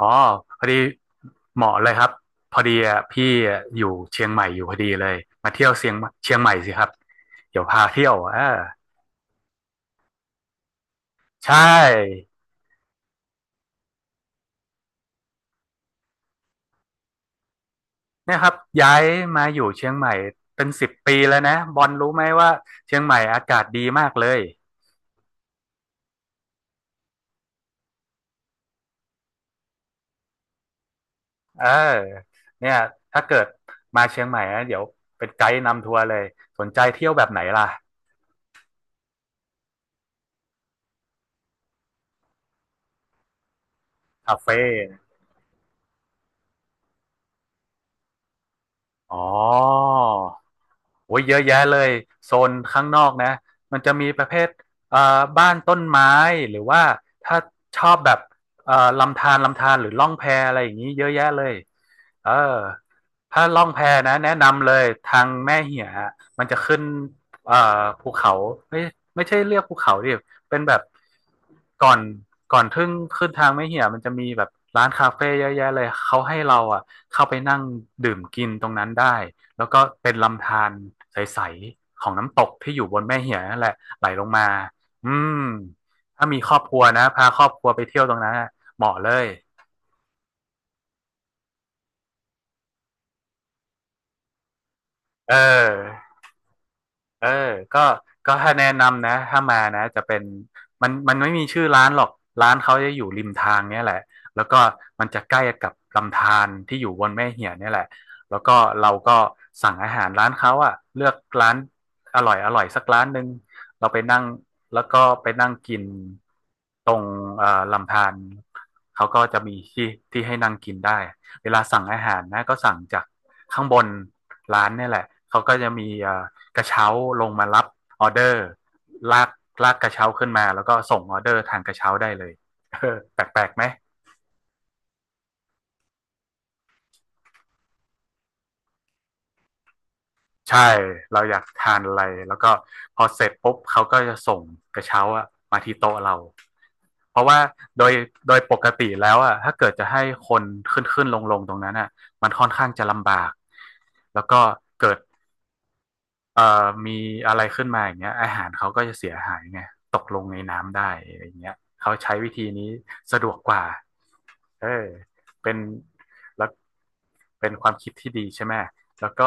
อ๋อพอดีเหมาะเลยครับพอดีอ่ะพี่อ่ะอยู่เชียงใหม่อยู่พอดีเลยมาเที่ยวเชียงใหม่สิครับเดี๋ยวพาเที่ยวอ่าใช่เนี่ยครับย้ายมาอยู่เชียงใหม่เป็นสิบปีแล้วนะบอลรู้ไหมว่าเชียงใหม่อากาศดีมากเลยเออเนี่ยถ้าเกิดมาเชียงใหม่นะเดี๋ยวเป็นไกด์นำทัวร์เลยสนใจเที่ยวแบบไหนล่ะคาเฟ่อ๋อ โอ้ยเยอะแยะเลยโซนข้างนอกนะมันจะมีประเภทเอ่อบ้านต้นไม้หรือว่าถ้าชอบแบบเอ่อลำธารหรือล่องแพอะไรอย่างนี้เยอะแยะเลยเออถ้าล่องแพนะแนะนำเลยทางแม่เหียมันจะขึ้นเอ่อภูเขาไม่ไม่ใช่เรียกภูเขาดิเป็นแบบก่อนก่อนทึ่งขึ้นทางแม่เหียมันจะมีแบบร้านคาเฟ่เยอะแยะเลยเขาให้เราอ่ะเข้าไปนั่งดื่มกินตรงนั้นได้ แล้วก็เป็นลำธารใสๆของน้ำตกที่อยู่บนแม่เหียนั่นแหละไหลลงมาอืมถ้ามีครอบครัวนะพาครอบครัวไปเที่ยวตรงนั้นเหมาะเลยเออ เออก็ก็ถ้าแนะนำนะถ้ามานะจะเป็นมันไม่มีชื่อร้านหรอกร้านเขาจะอยู่ริมทางเนี่ยแหละแล้วก็มันจะใกล้กับลำธารที่อยู่บนแม่เหียนเนี่ยแหละแล้วก็เราก็สั่งอาหารร้านเขาอะเลือกร้านอร่อยสักร้านหนึ่งเราไปนั่งแล้วก็ไปนั่งกินตรงลำธารเขาก็จะมีที่ที่ให้นั่งกินได้เวลาสั่งอาหารนะก็สั่งจากข้างบนร้านเนี่ยแหละเขาก็จะมีกระเช้าลงมารับออเดอร์ลากลากกระเช้าขึ้นมาแล้วก็ส่งออเดอร์ทางกระเช้าได้เลย แปลกๆไหมใช่เราอยากทานอะไรแล้วก็พอเสร็จปุ๊บเขาก็จะส่งกระเช้าอะมาที่โต๊ะเราเพราะว่าโดยโดยปกติแล้วอะถ้าเกิดจะให้คนขึ้นลงตรงนั้นอะมันค่อนข้างจะลำบากแล้วก็เกิด เอ่อมีอะไรขึ้นมาอย่างเงี้ยอาหารเขาก็จะเสียหายไงตกลงในน้ำได้อะไรอย่างเงี้ยเขาใช้วิธีนี้สะดวกกว่า เออเป็นแล้วเป็นความคิดที่ดีใช่ไหม แล้วก็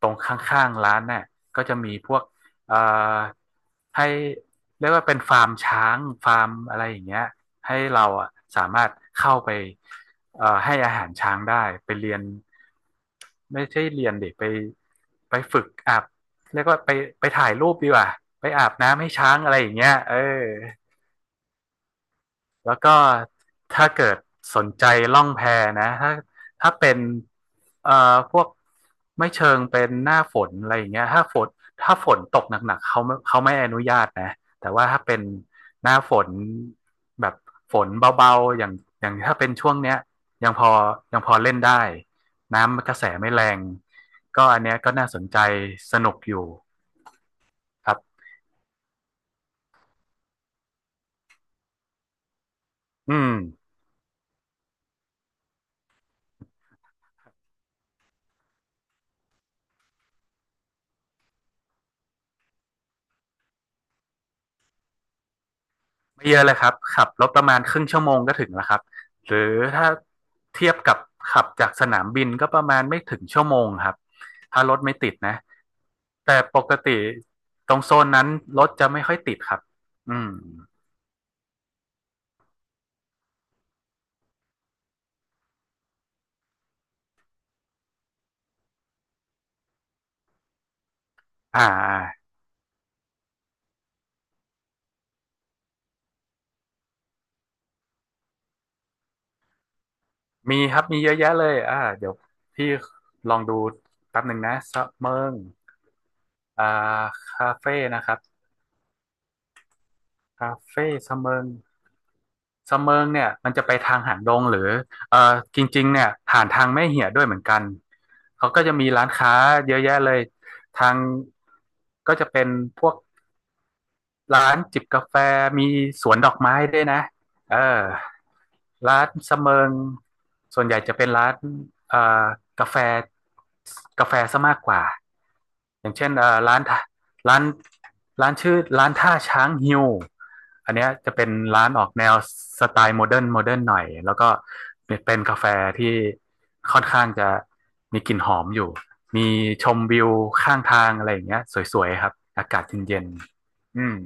ตรงข้างๆร้านเนี่ยก็จะมีพวกเอ่อให้เรียกว่าเป็นฟาร์มช้างฟาร์มอะไรอย่างเงี้ยให้เราอ่ะสามารถเข้าไปให้อาหารช้างได้ไปเรียนไม่ใช่เรียนดิไปไปฝึกอาบเรียกว่าไปไปถ่ายรูปดีกว่าไปอาบน้ำให้ช้างอะไรอย่างเงี้ยเออ แล้วก็ถ้าเกิดสนใจล่องแพนะถ้าเป็นเอ่อพวกไม่เชิงเป็นหน้าฝนอะไรอย่างเงี้ยถ้าฝนตกหนักๆเขาไม่อนุญาตนะแต่ว่าถ้าเป็นหน้าฝนแบบฝนเบาๆอย่างถ้าเป็นช่วงเนี้ยยังพอยังพอเล่นได้น้ำกระแสไม่แรงก็อันเนี้ยก็น่าสนใจสนุกอยู่ครับอืม ไม่เยอะเลยครับขับรถประมาณครึ่งชั่วโมงก็ถึงแล้วครับหรือถ้าเทียบกับขับจากสนามบินก็ประมาณไม่ถึงชั่วโมงครับถ้ารถไม่ติดนะแต่ปกติตรงโซนนั้นรถจะไม่ค่อยติดครับอืมอ่ามีครับมีเยอะแยะเลยอ่าเดี๋ยวพี่ลองดูแป๊บหนึ่งนะสะเมิงอ่าคาเฟ่นะครับคาเฟ่สะเมิง เสะเมิงเนี่ยมันจะไปทางหางดงหรือเอ่อจริงๆเนี่ยผ่านทางแม่เหียะด้วยเหมือนกันเขาก็จะมีร้านค้าเยอะแยะเลยทางก็จะเป็นพวก ร้านจิบกาแฟมีสวนดอกไม้ด้วยนะเออร้านสะเมิงส่วนใหญ่จะเป็นร้านเอ่อกาแฟกาแฟซะมากกว่าอย่างเช่นร้านท่าร้านร้านชื่อร้านท่าช้างฮิวอันเนี้ยจะเป็นร้านออกแนวสไตล์โมเดิร์นหน่อยแล้วก็เป็นกาแฟที่ค่อนข้างจะมีกลิ่นหอมอยู่มีชมวิวข้างทางอะไรอย่างเงี้ยสวยๆครับอากาศเย็นๆอืม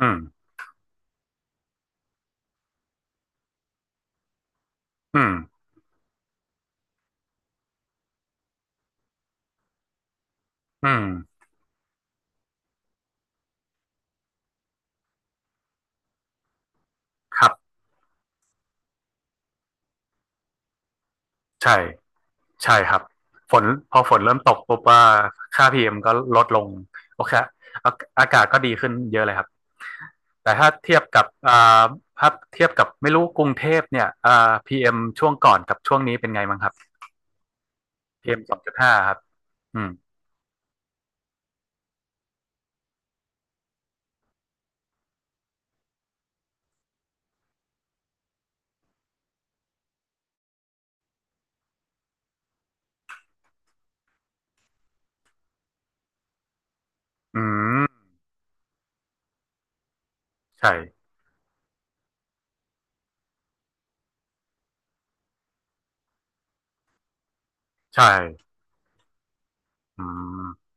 อืมอืมอืมครับ ใช่ใช่ครับฝนพอฝนเริ่มตกปุ๊บว่าค่าพีเอ็มก็ลดลงโอเคอาอากาศก็ดีขึ้นเยอะเลยครับ แต่ถ้าเทียบกับอ่าถ้าเทียบกับไม่รู้กรุงเทพเนี่ยอ่าพีเอ็มช่วงก่อนกับช่วงนี้เป็นไงบ้างครับPM 2.5ครับอืมอืมใช่ใช่อืม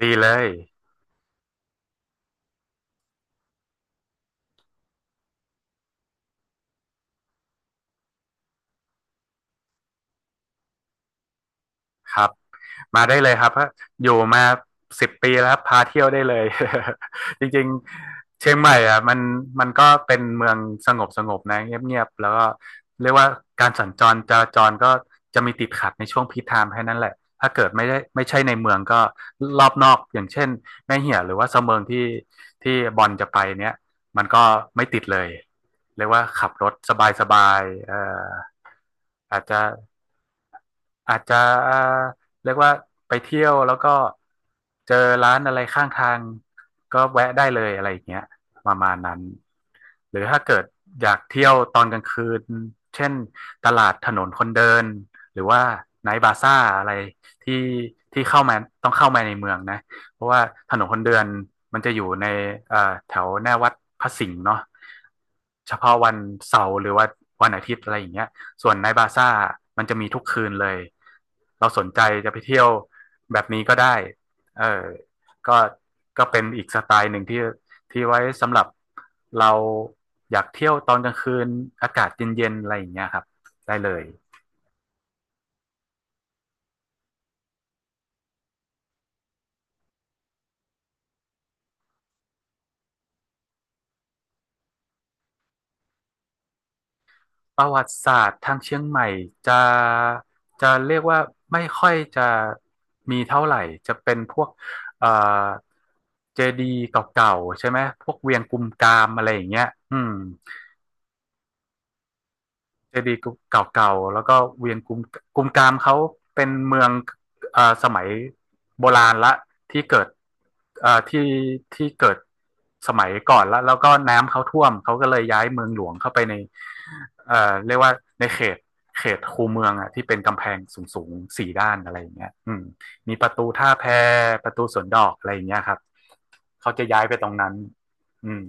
ดีเลย ครับมาได้เลยครับอยู่มาสิบปีแล้วครับพาเที่ยวได้เลย จริงๆเชียงใหม่อ่ะมันก็เป็นเมืองสงบสงบนะเงียบๆแล้วก็เรียกว่าการสัญจรจราจรก็จะมีติดขัดในช่วงพีคไทม์แค่นั้นแหละถ้าเกิดไม่ได้ไม่ใช่ในเมืองก็รอบนอกอย่างเช่นแม่เหี่ยหรือว่าเสมิงที่ที่บอลจะไปเนี้ยมันก็ไม่ติดเลยเรียกว่าขับรถสบายๆออาจจะ อาจจะเอ่อเรียกว่าไปเที่ยวแล้วก็เจอร้านอะไรข้างทางก็แวะได้เลยอะไรอย่างเงี้ยประมาณนั้นหรือถ้าเกิดอยากเที่ยวตอนกลางคืนเช่นตลาดถนนคนเดินหรือว่าไนท์บาซ่าอะไรที่ที่เข้ามาต้องเข้ามาในเมืองนะเพราะว่าถนนคนเดินมันจะอยู่ในเอ่อแถวหน้าวัดพระสิงห์เนาะเฉพาะวันเสาร์หรือว่าวันอาทิตย์อะไรอย่างเงี้ย ส่วนในท์บาซ่ามันจะมีทุกคืนเลยเราสนใจจะไปเที่ยวแบบนี้ก็ได้เออก็ก็เป็นอีกสไตล์หนึ่งที่ที่ไว้สำหรับเราอยากเที่ยวตอนกลางคืนอากาศเย็นๆอะไรอย่างเงี้ยครับได้เลยประวัติศาสตร์ทางเชียงใหม่จะจะเรียกว่าไม่ค่อยจะมีเท่าไหร่จะเป็นพวกเอ่อเจดีย์เก่าๆใช่ไหมพวกเวียงกุมกามอะไรอย่างเงี้ยอืม เจดีย์เก่าๆแล้วก็เวียงกุมกามเขาเป็นเมืองอ่าสมัยโบราณละที่เกิดอ่าที่ที่เกิดสมัยก่อนละแล้วก็น้ำเขาท่วมเขาก็เลยย้ายเมืองหลวงเข้าไปในเรียกว่าในเขตคูเมืองอ่ะที่เป็นกำแพงสูงๆสี่ด้านอะไรอย่างเงี้ยอืมมีประตูท่าแพประตูสวนดอกอะไรอย่างเงี้ยครับเขาจะย้ายไปตรงนั้นอืม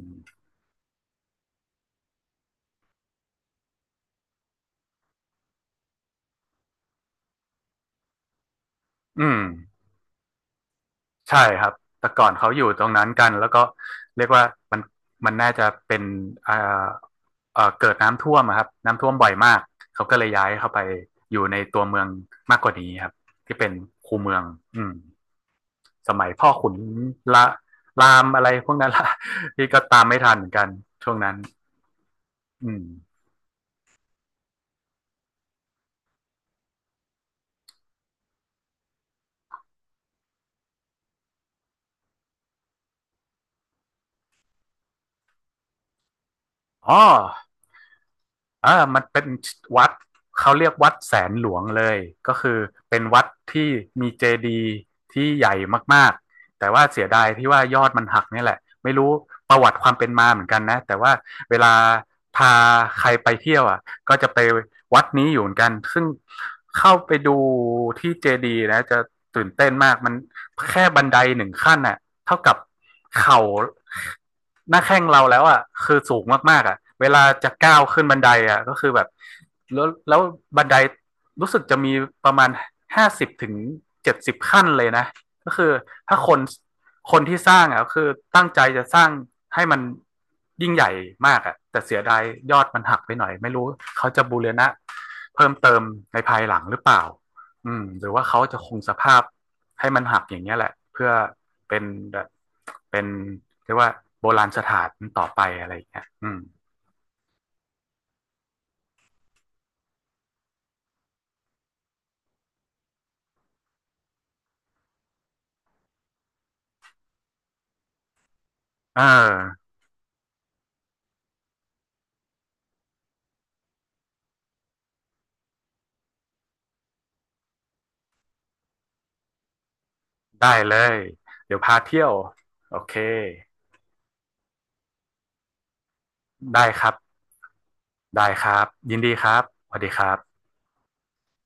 อืม ใช่ครับแต่ก่อนเขาอยู่ตรงนั้นกันแล้วก็เรียกว่ามันมันน่าจะเป็นเอ่อเกิดน้ำท่วมอะครับน้ำท่วมบ่อยมากเขาก็เลยย้ายเข้าไปอยู่ในตัวเมืองมากกว่านี้ครับที่เป็นคูเมืองอืมสมัยพ่อขุนละรามอะไรพวกนั้นละ ที่ก็ตามไม่ทันเหมือนกันช่วงนั้นอืมอ๋อ อ่ามันเป็นวัดเขาเรียกวัดแสนหลวงเลยก็คือเป็นวัดที่มีเจดีย์ที่ใหญ่มากๆแต่ว่าเสียดายที่ว่ายอดมันหักนี่แหละไม่รู้ประวัติความเป็นมาเหมือนกันนะแต่ว่าเวลาพาใครไปเที่ยวอ่ะก็จะไปวัดนี้อยู่เหมือนกันซึ่งเข้าไปดูที่เจดีย์นะจะตื่นเต้นมากมันแค่บันไดหนึ่งขั้นน่ะเท่ากับเข่า หน้าแข้งเราแล้วอ่ะคือสูงมากๆอ่ะเวลาจะก้าวขึ้นบันไดอ่ะก็คือแบบแล้วบันไดรู้สึกจะมีประมาณ50ถึง70ขั้นเลยนะก็คือถ้าคนที่สร้างอ่ะคือตั้งใจจะสร้างให้มันยิ่งใหญ่มากอ่ะแต่เสียดายยอดมันหักไปหน่อยไม่รู้เขาจะบูรณะเพิ่มเติมในภายหลังหรือเปล่าอืมหรือว่าเขาจะคงสภาพ ให้มันหักอย่างเงี้ยแหละเพื่อเป็นแบบเป็นเรียกว่าโบราณสถานต่อไปอะไรอย่างเงี้ยอืมเออได้เลยเดี๋ยวพาเที่ยวโอเคได้ครับได้ครับยินดีครับสวัสดีครับ